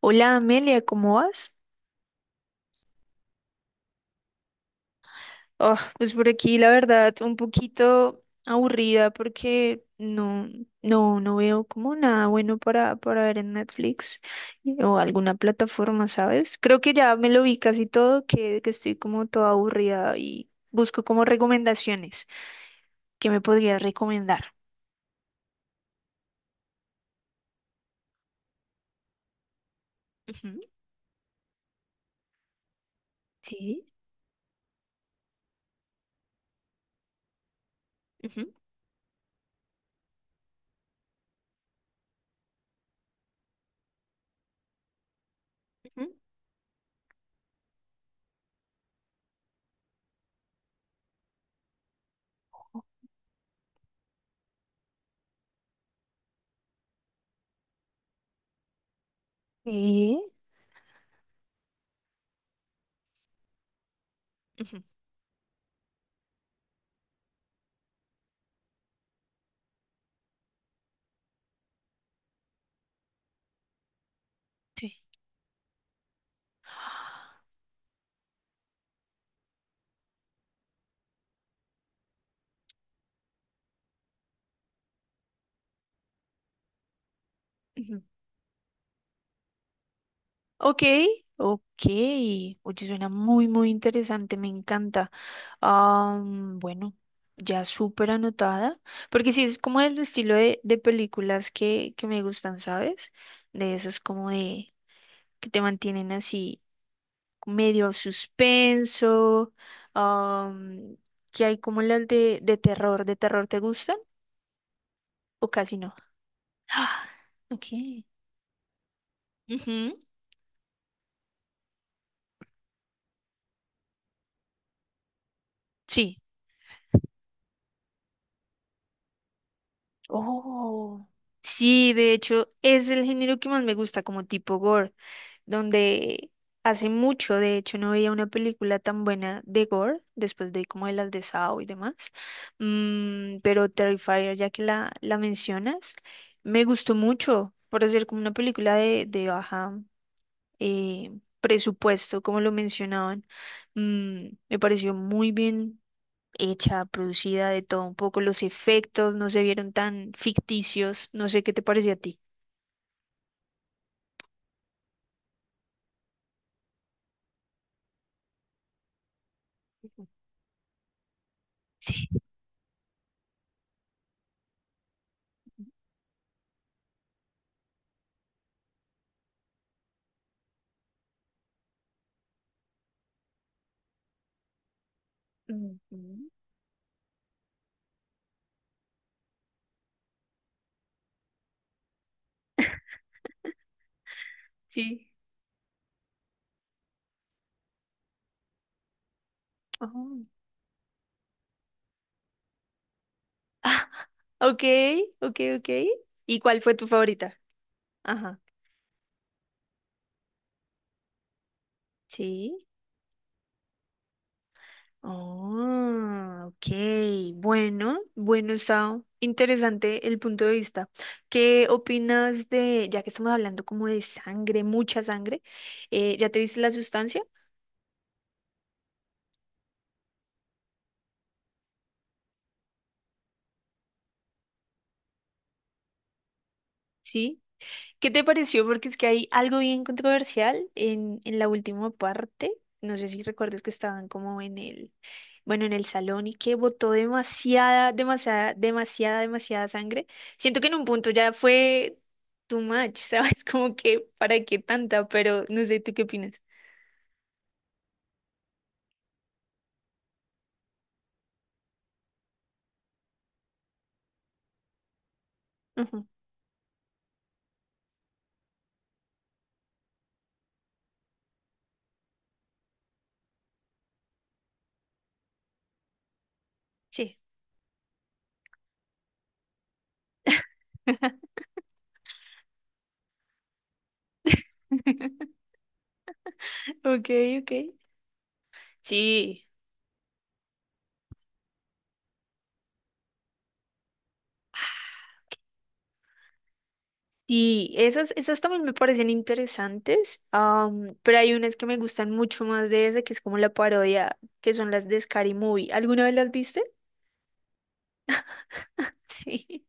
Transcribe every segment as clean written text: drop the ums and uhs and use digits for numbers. Hola Amelia, ¿cómo vas? Ah, pues por aquí la verdad un poquito aburrida porque no veo como nada bueno para ver en Netflix o alguna plataforma, ¿sabes? Creo que ya me lo vi casi todo, que estoy como toda aburrida y busco como recomendaciones. ¿Qué me podrías recomendar? Ujú. Sí. Ujú. Ujú. Sí. Ujú. Sí. Ok, ok. Oye, suena muy interesante, me encanta. Bueno, ya súper anotada, porque sí, es como el estilo de películas que me gustan, ¿sabes? De esas como de que te mantienen así medio suspenso, am, que hay como las de terror. ¿De terror te gustan o casi no? Ah, ok. Ujú. Sí. Oh, sí, de hecho, es el género que más me gusta, como tipo gore, donde hace mucho, de hecho, no veía una película tan buena de gore, después de como de las de Saw y demás. Mm, pero Terrifier, ya que la mencionas, me gustó mucho por hacer como una película de baja, eh, presupuesto, como lo mencionaban. Mm, me pareció muy bien hecha, producida, de todo un poco. Los efectos no se vieron tan ficticios. No sé qué te pareció a ti. Ujú. Sí. Ujú. Sí. Ujú. Ah, ok, ok, ok. ¿Y cuál fue tu favorita? Ajá. Sí. Oh, ok. Bueno, bueno, Sao. Interesante el punto de vista. ¿Qué opinas de, ya que estamos hablando como de sangre, mucha sangre, ya te viste la sustancia? Sí. ¿Qué te pareció? Porque es que hay algo bien controversial en la última parte. No sé si recuerdas que estaban como en el, bueno, en el salón y que botó demasiada sangre. Siento que en un punto ya fue too much, ¿sabes? Como que para qué tanta, pero no sé, ¿tú qué opinas? Ujú. Sí. Ok, ok. Sí. Y esas, esas también me parecen interesantes, pero hay unas que me gustan mucho más de esa, que es como la parodia, que son las de Scary Movie. ¿Alguna vez las viste? Sí.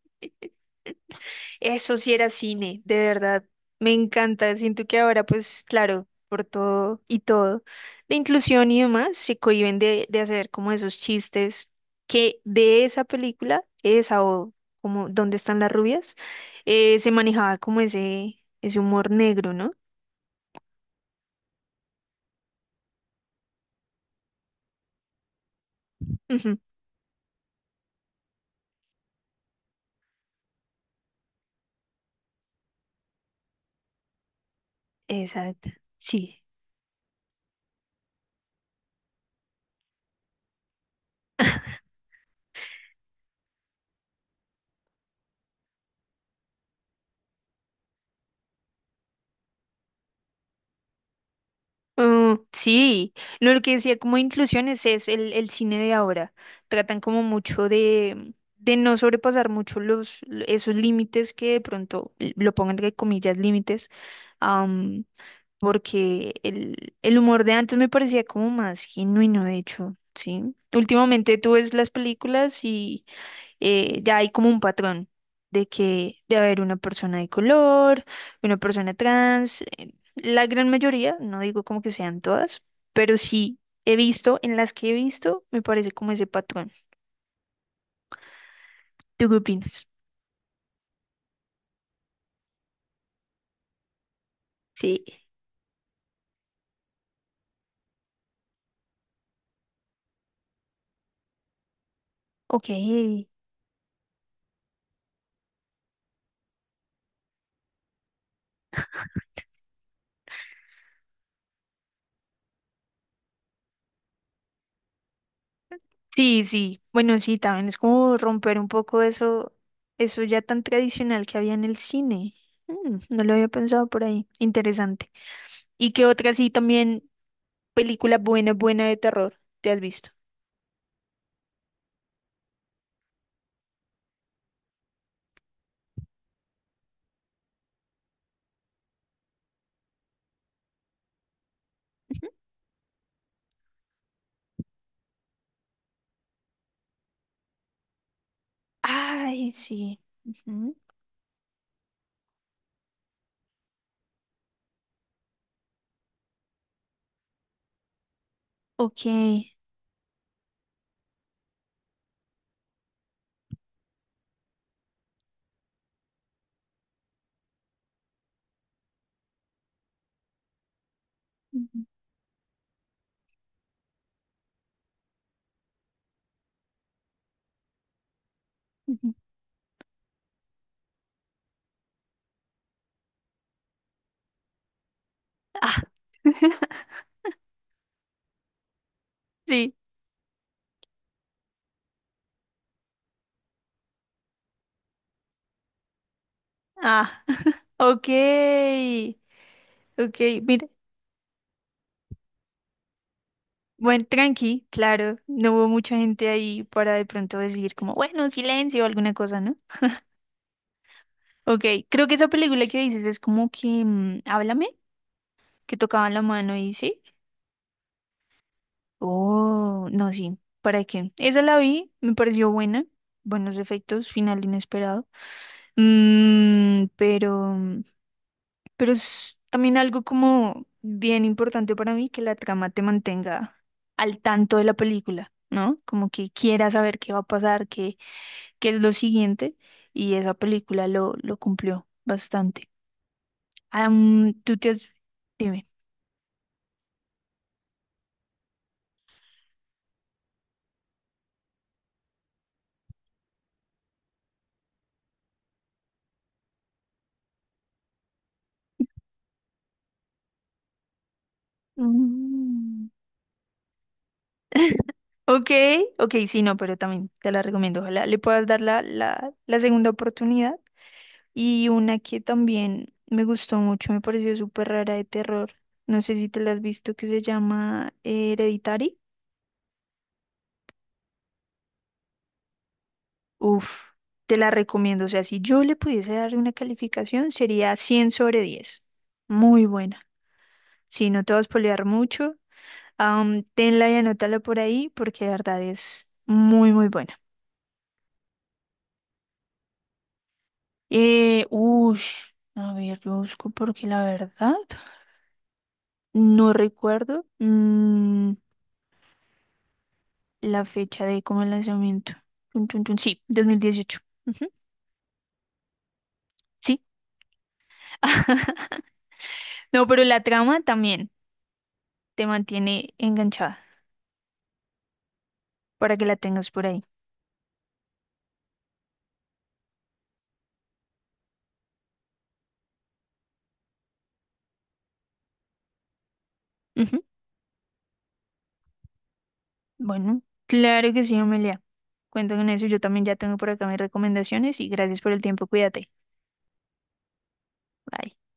Eso sí era cine, de verdad. Me encanta. Siento que ahora, pues claro, por todo y todo, de inclusión y demás, se cohíben de hacer como esos chistes que de esa película, esa o como ¿Dónde están las rubias? Se manejaba como ese humor negro, ¿no? Ujú. Exacto, sí. Mm, sí, no, lo que decía como inclusiones es el cine de ahora. Tratan como mucho de no sobrepasar mucho esos límites que de pronto lo pongo entre comillas límites, am, porque el humor de antes me parecía como más genuino, de hecho, sí. Últimamente tú ves las películas, ya hay como un patrón de que debe haber una persona de color, una persona trans, la gran mayoría, no digo como que sean todas, pero sí he visto, en las que he visto, me parece como ese patrón. ¿Tú qué opinas? Sí, ok. Sí, sí, bueno, sí, también es como romper un poco eso, eso ya tan tradicional que había en el cine. Mm, no lo había pensado por ahí. Interesante. ¿Y qué otra sí también película buena de terror te has visto? Ay, sí. Ujú. Ok. Ujú. Ujú. Ah, sí. Ah, ok. Ok, mire. Buen tranqui, claro. No hubo mucha gente ahí para de pronto decir como, bueno, silencio o alguna cosa, ¿no? Ok, creo que esa película que dices es como que, mm, háblame, que tocaban la mano y sí. Oh, no, sí. ¿Para qué? Esa la vi, me pareció buena. Buenos efectos, final inesperado. Mm, pero es también algo como bien importante para mí que la trama te mantenga al tanto de la película, ¿no? Como que quieras saber qué va a pasar, qué es lo siguiente, y esa película lo cumplió bastante. Am, tú te has... Dime. Mm. Ok, ok, sí, no, pero también te la recomiendo. Ojalá le puedas dar la segunda oportunidad. Y una que también me gustó mucho, me pareció súper rara de terror. No sé si te la has visto, que se llama Hereditary. Uf, te la recomiendo. O sea, si yo le pudiese dar una calificación, sería 100 sobre 10. Muy buena. Si no te vas a spoilear mucho, tenla y anótala por ahí, porque de verdad es muy buena. Eh, uy, a ver, yo busco porque la verdad no recuerdo. Mm, la fecha de como el lanzamiento. Tun, tun, tun. Sí, 2018. Ujú. Sí. No, pero la trama también te mantiene enganchada para que la tengas por ahí. Ujú. Bueno, claro que sí, Amelia. Cuento con eso. Yo también ya tengo por acá mis recomendaciones y gracias por el tiempo. Cuídate. Bye.